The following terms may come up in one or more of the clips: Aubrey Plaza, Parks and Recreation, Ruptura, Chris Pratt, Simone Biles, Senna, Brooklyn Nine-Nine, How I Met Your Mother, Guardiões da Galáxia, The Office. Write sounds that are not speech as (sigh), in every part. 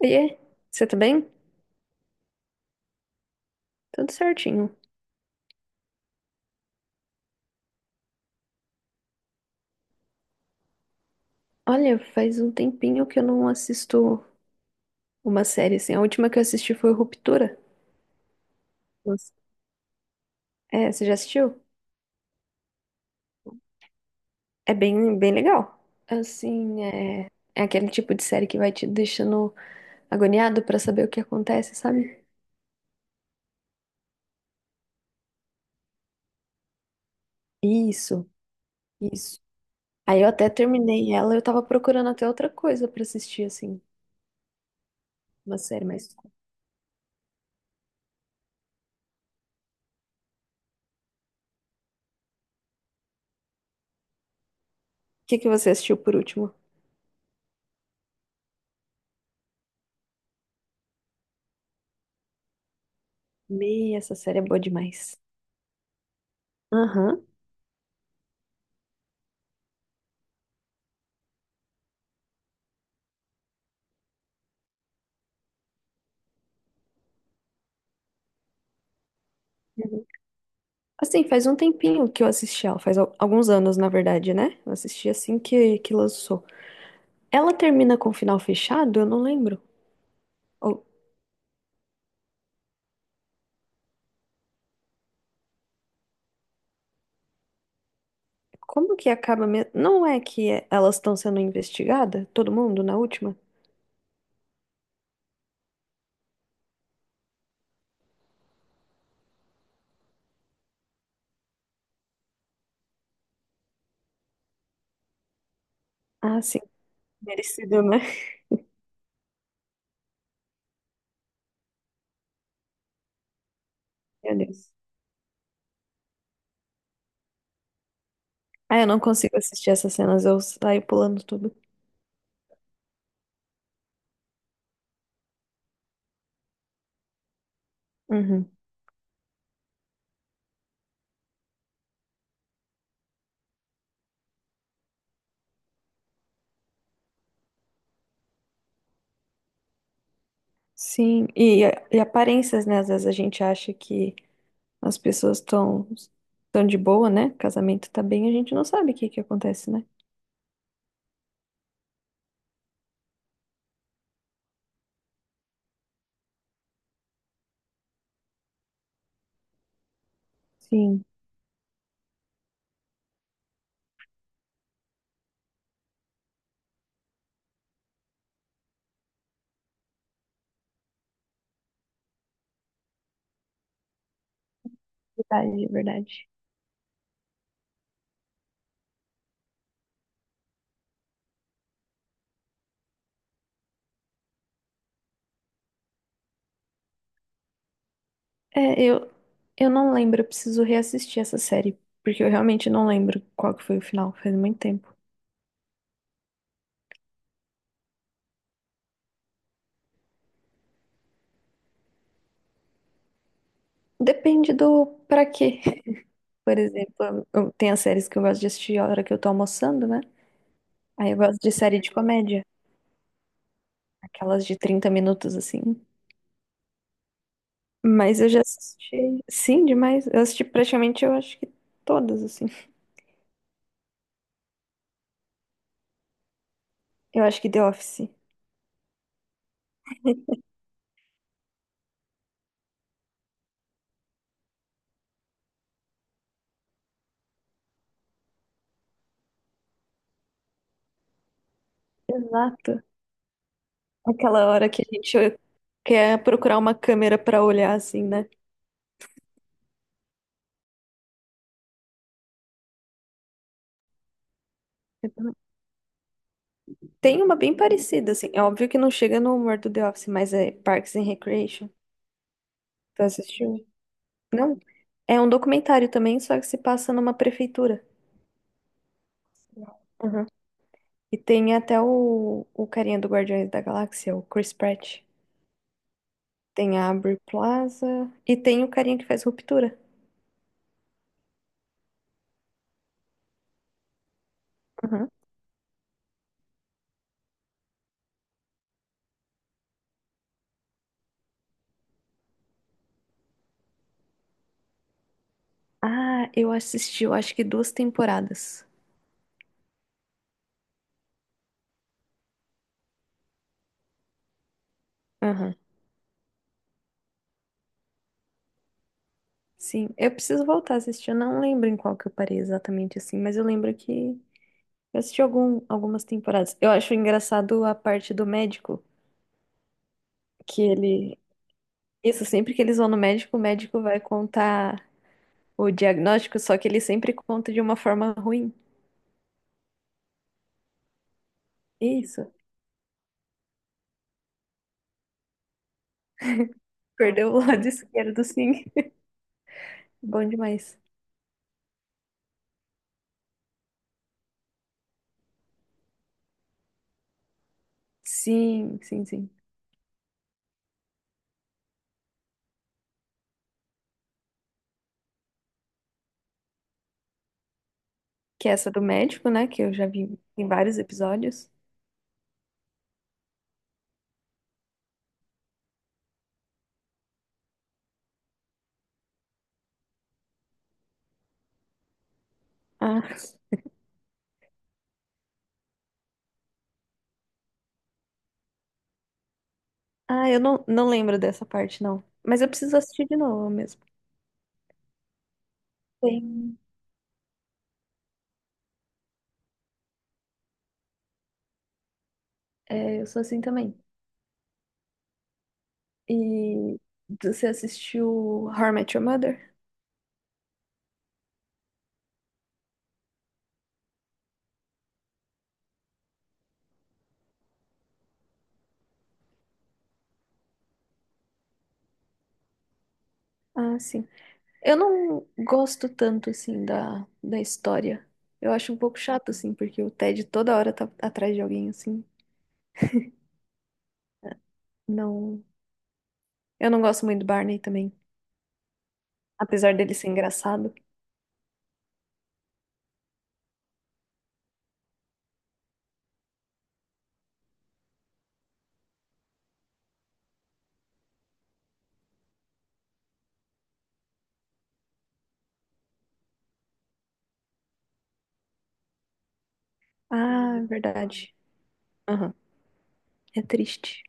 Oiê, você tá bem? Tudo certinho. Olha, faz um tempinho que eu não assisto uma série assim. A última que eu assisti foi Ruptura. Nossa. É, você já assistiu? É bem, bem legal. Assim, é aquele tipo de série que vai te deixando agoniado pra saber o que acontece, sabe? Isso, isso. Aí eu até terminei ela, eu tava procurando até outra coisa pra assistir, assim, uma série mais. O que que você assistiu por último? Meia, essa série é boa demais. Aham. Assim, faz um tempinho que eu assisti ela, faz alguns anos, na verdade, né? Eu assisti assim que lançou. Ela termina com o final fechado? Eu não lembro. Ou como que acaba mesmo? Não é que é- elas estão sendo investigadas? Todo mundo na última? Ah, sim. Merecido, né? (laughs) Meu Deus. Ah, eu não consigo assistir essas cenas, eu saio pulando tudo. Uhum. Sim, e aparências, né? Às vezes a gente acha que as pessoas estão de boa, né? Casamento tá bem, a gente não sabe o que que acontece, né? Sim. Verdade. É, eu não lembro, eu preciso reassistir essa série, porque eu realmente não lembro qual que foi o final, faz muito tempo. Depende do pra quê. (laughs) Por exemplo, eu, tem as séries que eu gosto de assistir a hora que eu tô almoçando, né? Aí eu gosto de série de comédia, aquelas de 30 minutos assim. Mas eu já assisti, sim, demais. Eu assisti praticamente, eu acho que todas, assim. Eu acho que The Office. Exato. Aquela hora que a gente quer procurar uma câmera pra olhar, assim, né? Tem uma bem parecida, assim. É óbvio que não chega no humor do The Office, mas é Parks and Recreation. Tu assistiu? Não. É um documentário também, só que se passa numa prefeitura. Uhum. E tem até o carinha do Guardiões da Galáxia, o Chris Pratt. Tem a Aubrey Plaza. E tem o carinha que faz Ruptura. Uhum. Ah, eu assisti, eu acho que duas temporadas. Aham. Sim, eu preciso voltar a assistir. Eu não lembro em qual que eu parei exatamente assim, mas eu lembro que eu assisti algum, algumas temporadas. Eu acho engraçado a parte do médico, que ele. Isso, sempre que eles vão no médico, o médico vai contar o diagnóstico, só que ele sempre conta de uma forma ruim. Isso. Perdeu o lado (laughs) esquerdo, sim. Bom demais. Sim, sim, sim. Que é essa do médico, né? Que eu já vi em vários episódios. Ah, ah, eu não lembro dessa parte, não. Mas eu preciso assistir de novo mesmo. Tem. É, eu sou assim também. E você assistiu How I Met Your Mother? Ah, sim. Eu não gosto tanto, assim, da história. Eu acho um pouco chato, assim, porque o Ted toda hora tá atrás de alguém, assim. Não... Eu não gosto muito do Barney também, apesar dele ser engraçado. Ah, é verdade. Aham, é triste.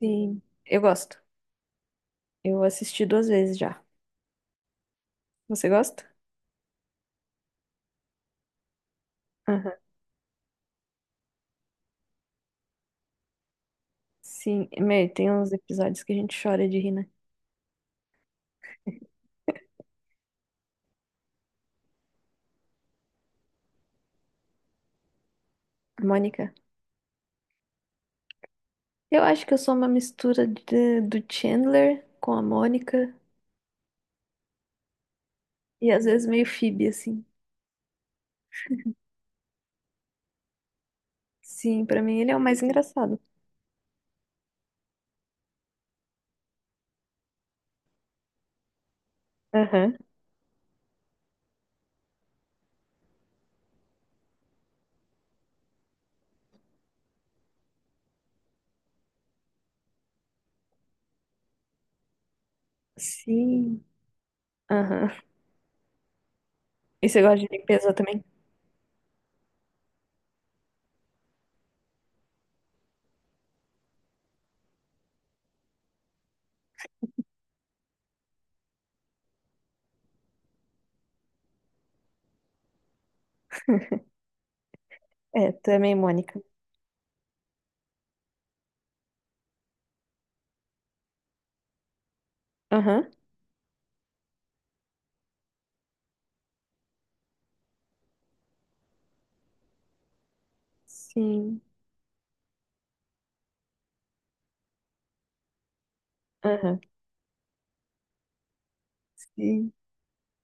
Sim, eu gosto. Eu assisti duas vezes já. Você gosta? Aham. Sim, meu, tem uns episódios que a gente chora de rir, né? Mônica. Eu acho que eu sou uma mistura de- do Chandler com a Mônica e às vezes meio Phoebe, assim. Sim, pra mim ele é o mais engraçado. Aham. Sim. Aham. E você gosta de limpeza também? É, também, Mônica. Aham. Sim. Aham. Sim.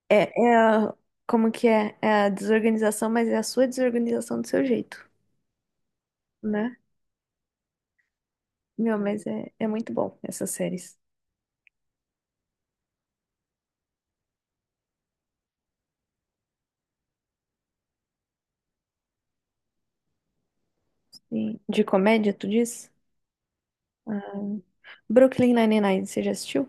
É, como que é? É a desorganização, mas é a sua desorganização do seu jeito, né? Meu, mas é muito bom essas séries. Sim. De comédia, tu diz? Ah, Brooklyn Nine-Nine, você já assistiu?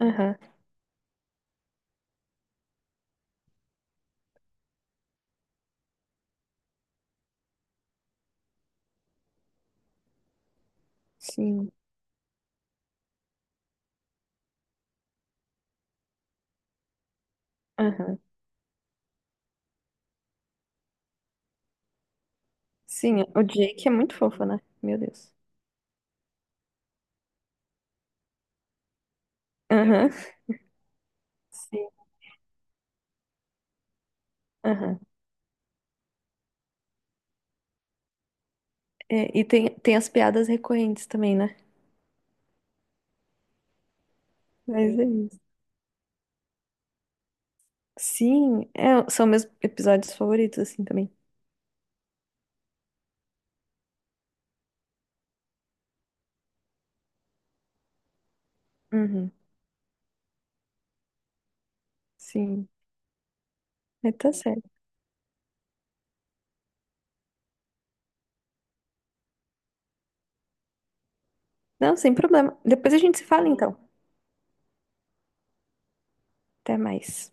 Aham. Sim. Aham. Sim, o Jake é muito fofo, né? Meu Deus. Aham. Sim. Aham. É, e tem as piadas recorrentes também, né? Mas é isso. Sim, é, são meus episódios favoritos, assim, também. Uhum. Sim. Mas tá certo. Não, sem problema. Depois a gente se fala, então. Até mais.